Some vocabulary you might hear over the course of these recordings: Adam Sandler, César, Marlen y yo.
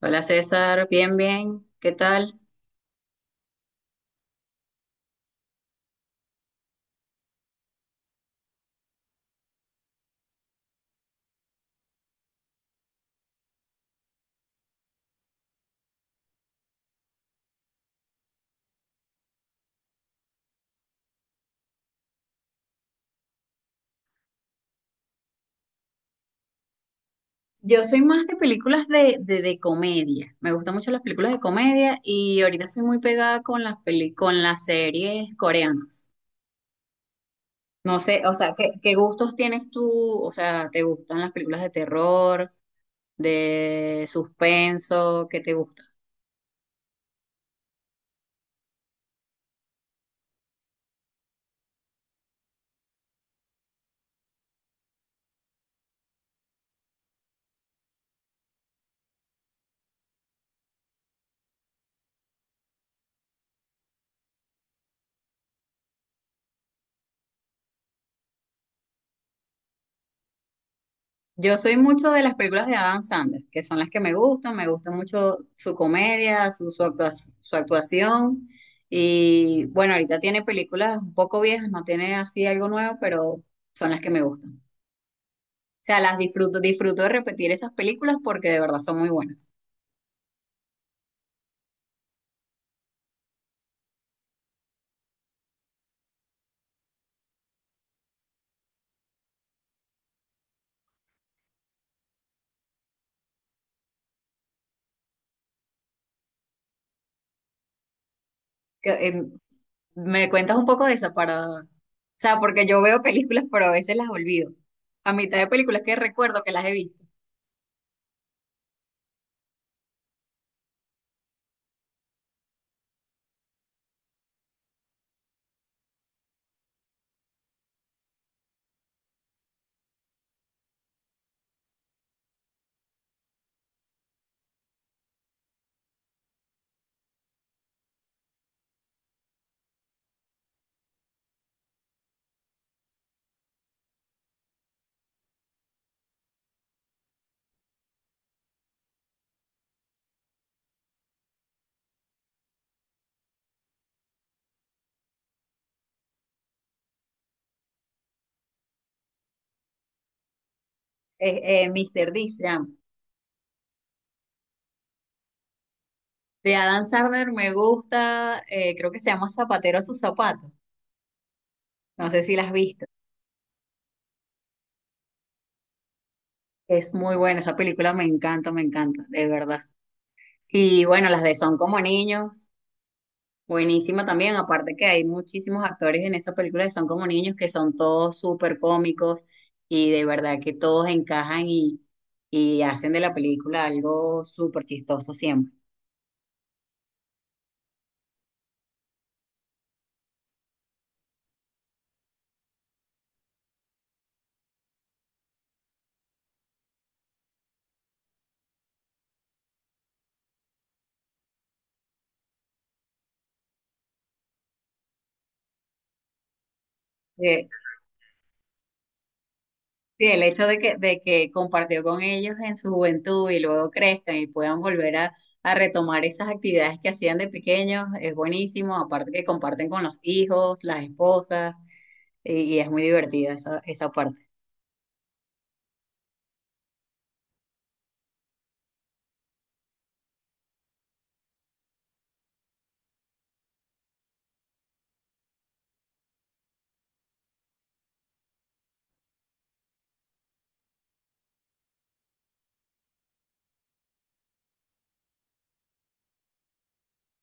Hola César, bien, bien, ¿qué tal? Yo soy más de películas de comedia, me gustan mucho las películas de comedia y ahorita estoy muy pegada con con las series coreanas. No sé, o sea, ¿qué gustos tienes tú? O sea, ¿te gustan las películas de terror, de suspenso? ¿Qué te gusta? Yo soy mucho de las películas de Adam Sandler, que son las que me gustan, me gusta mucho su comedia, su actuación. Y bueno, ahorita tiene películas un poco viejas, no tiene así algo nuevo, pero son las que me gustan. O sea, las disfruto, disfruto de repetir esas películas porque de verdad son muy buenas. Que, me cuentas un poco de esa para, o sea, porque yo veo películas, pero a veces las olvido. A mitad de películas que recuerdo que las he visto. Mr. D. De Adam Sandler me gusta, creo que se llama Zapatero a sus zapatos. No sé si las has visto. Es muy buena, esa película me encanta, de verdad. Y bueno, las de Son como niños, buenísima también. Aparte que hay muchísimos actores en esa película de Son como niños que son todos súper cómicos y de verdad que todos encajan y hacen de la película algo súper chistoso siempre. Eh, Sí, el hecho de que compartió con ellos en su juventud y luego crezcan y puedan volver a retomar esas actividades que hacían de pequeños es buenísimo, aparte que comparten con los hijos, las esposas, y es muy divertida esa parte.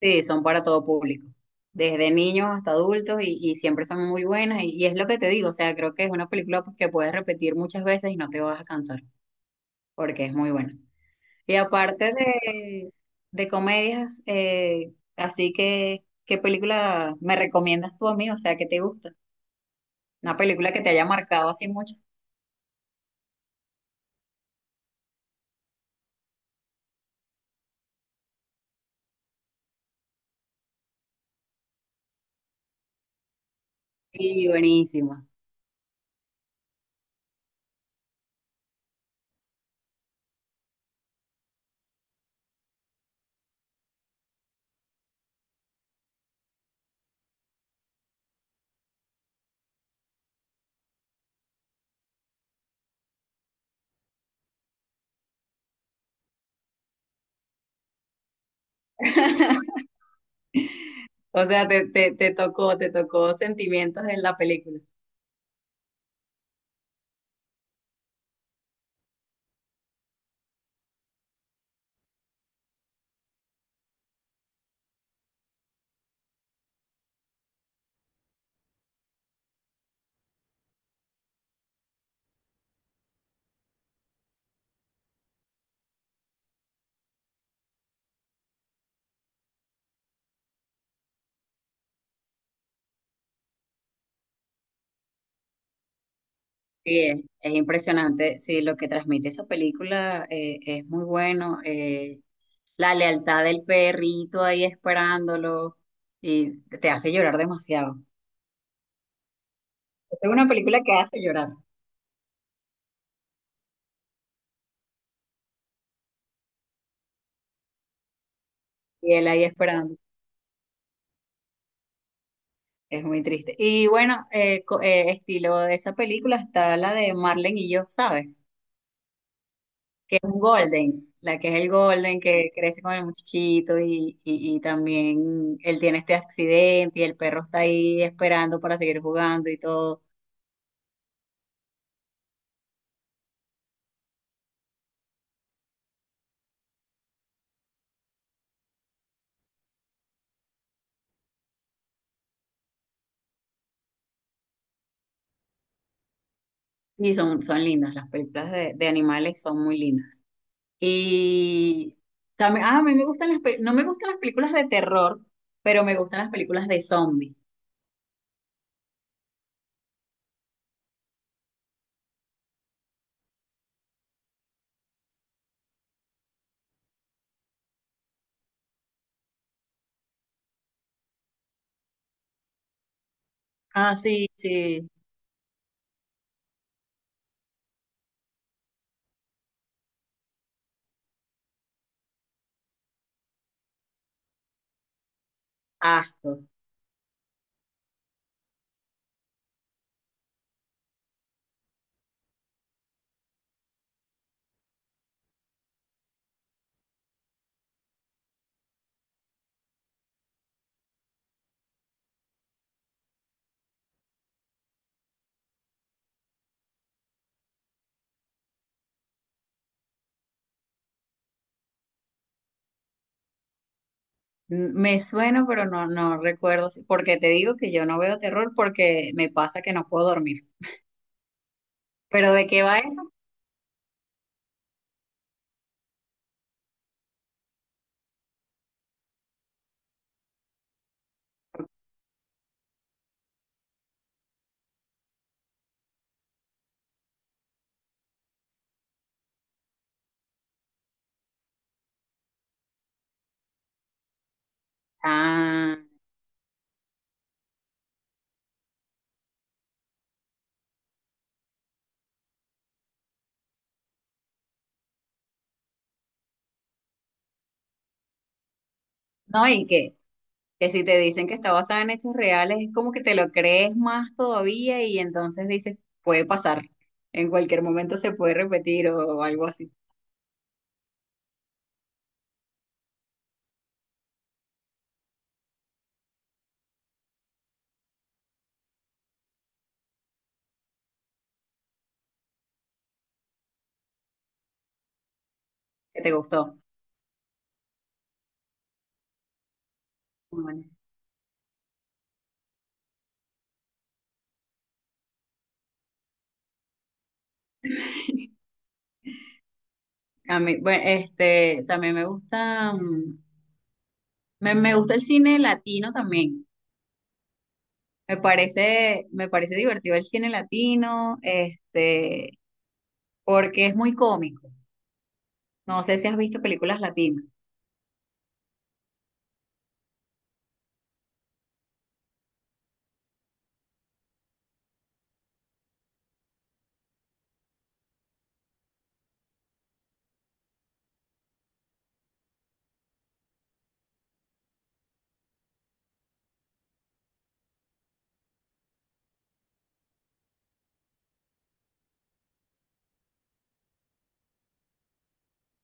Sí, son para todo público, desde niños hasta adultos y siempre son muy buenas y es lo que te digo, o sea, creo que es una película pues, que puedes repetir muchas veces y no te vas a cansar porque es muy buena. Y aparte de comedias, así que, ¿qué película me recomiendas tú a mí? O sea, ¿qué te gusta? Una película que te haya marcado así mucho. Y buenísima. O sea, te tocó sentimientos en la película. Sí, es impresionante. Sí, lo que transmite esa película es muy bueno. La lealtad del perrito ahí esperándolo y te hace llorar demasiado. Es una película que hace llorar y él ahí esperando. Es muy triste. Y bueno, estilo de esa película está la de Marlen y yo, ¿sabes? Que es un golden, la que es el golden que crece con el muchachito y también él tiene este accidente y el perro está ahí esperando para seguir jugando y todo. Y son lindas, las películas de animales son muy lindas. Y también, a mí me gustan no me gustan las películas de terror, pero me gustan las películas de zombies. Ah, sí, sí. Asco. Me suena, pero no recuerdo, porque te digo que yo no veo terror porque me pasa que no puedo dormir. ¿Pero de qué va eso? Ah, no, y que si te dicen que está basada en hechos reales, es como que te lo crees más todavía y entonces dices, puede pasar, en cualquier momento se puede repetir o, algo así, que te gustó. Bueno, a mí, bueno, este, también me gusta, me gusta el cine latino también. Me parece divertido el cine latino, este, porque es muy cómico. No sé si has visto películas latinas.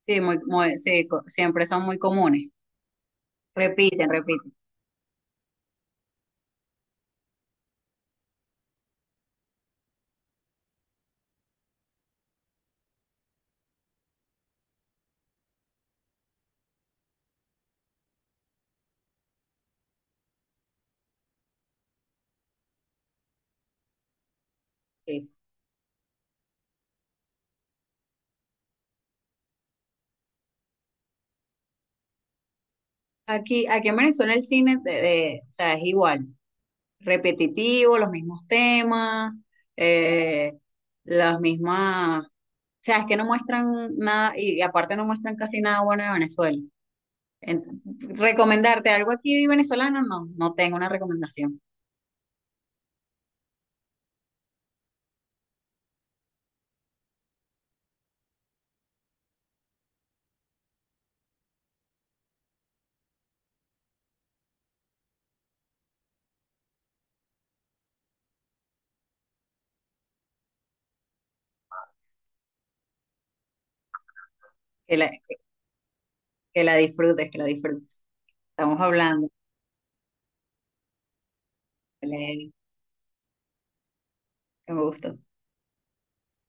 Sí, sí, siempre son muy comunes. Repiten, repiten. Sí. Sí. Aquí en Venezuela el cine o sea, es igual, repetitivo, los mismos temas, eh, las mismas, o sea, es que no muestran nada y aparte no muestran casi nada bueno de Venezuela. Ent- Recomendarte algo aquí venezolano, no tengo una recomendación. Que la, que, que la disfrutes, que la disfrutes. Estamos hablando, Belén, que me gustó.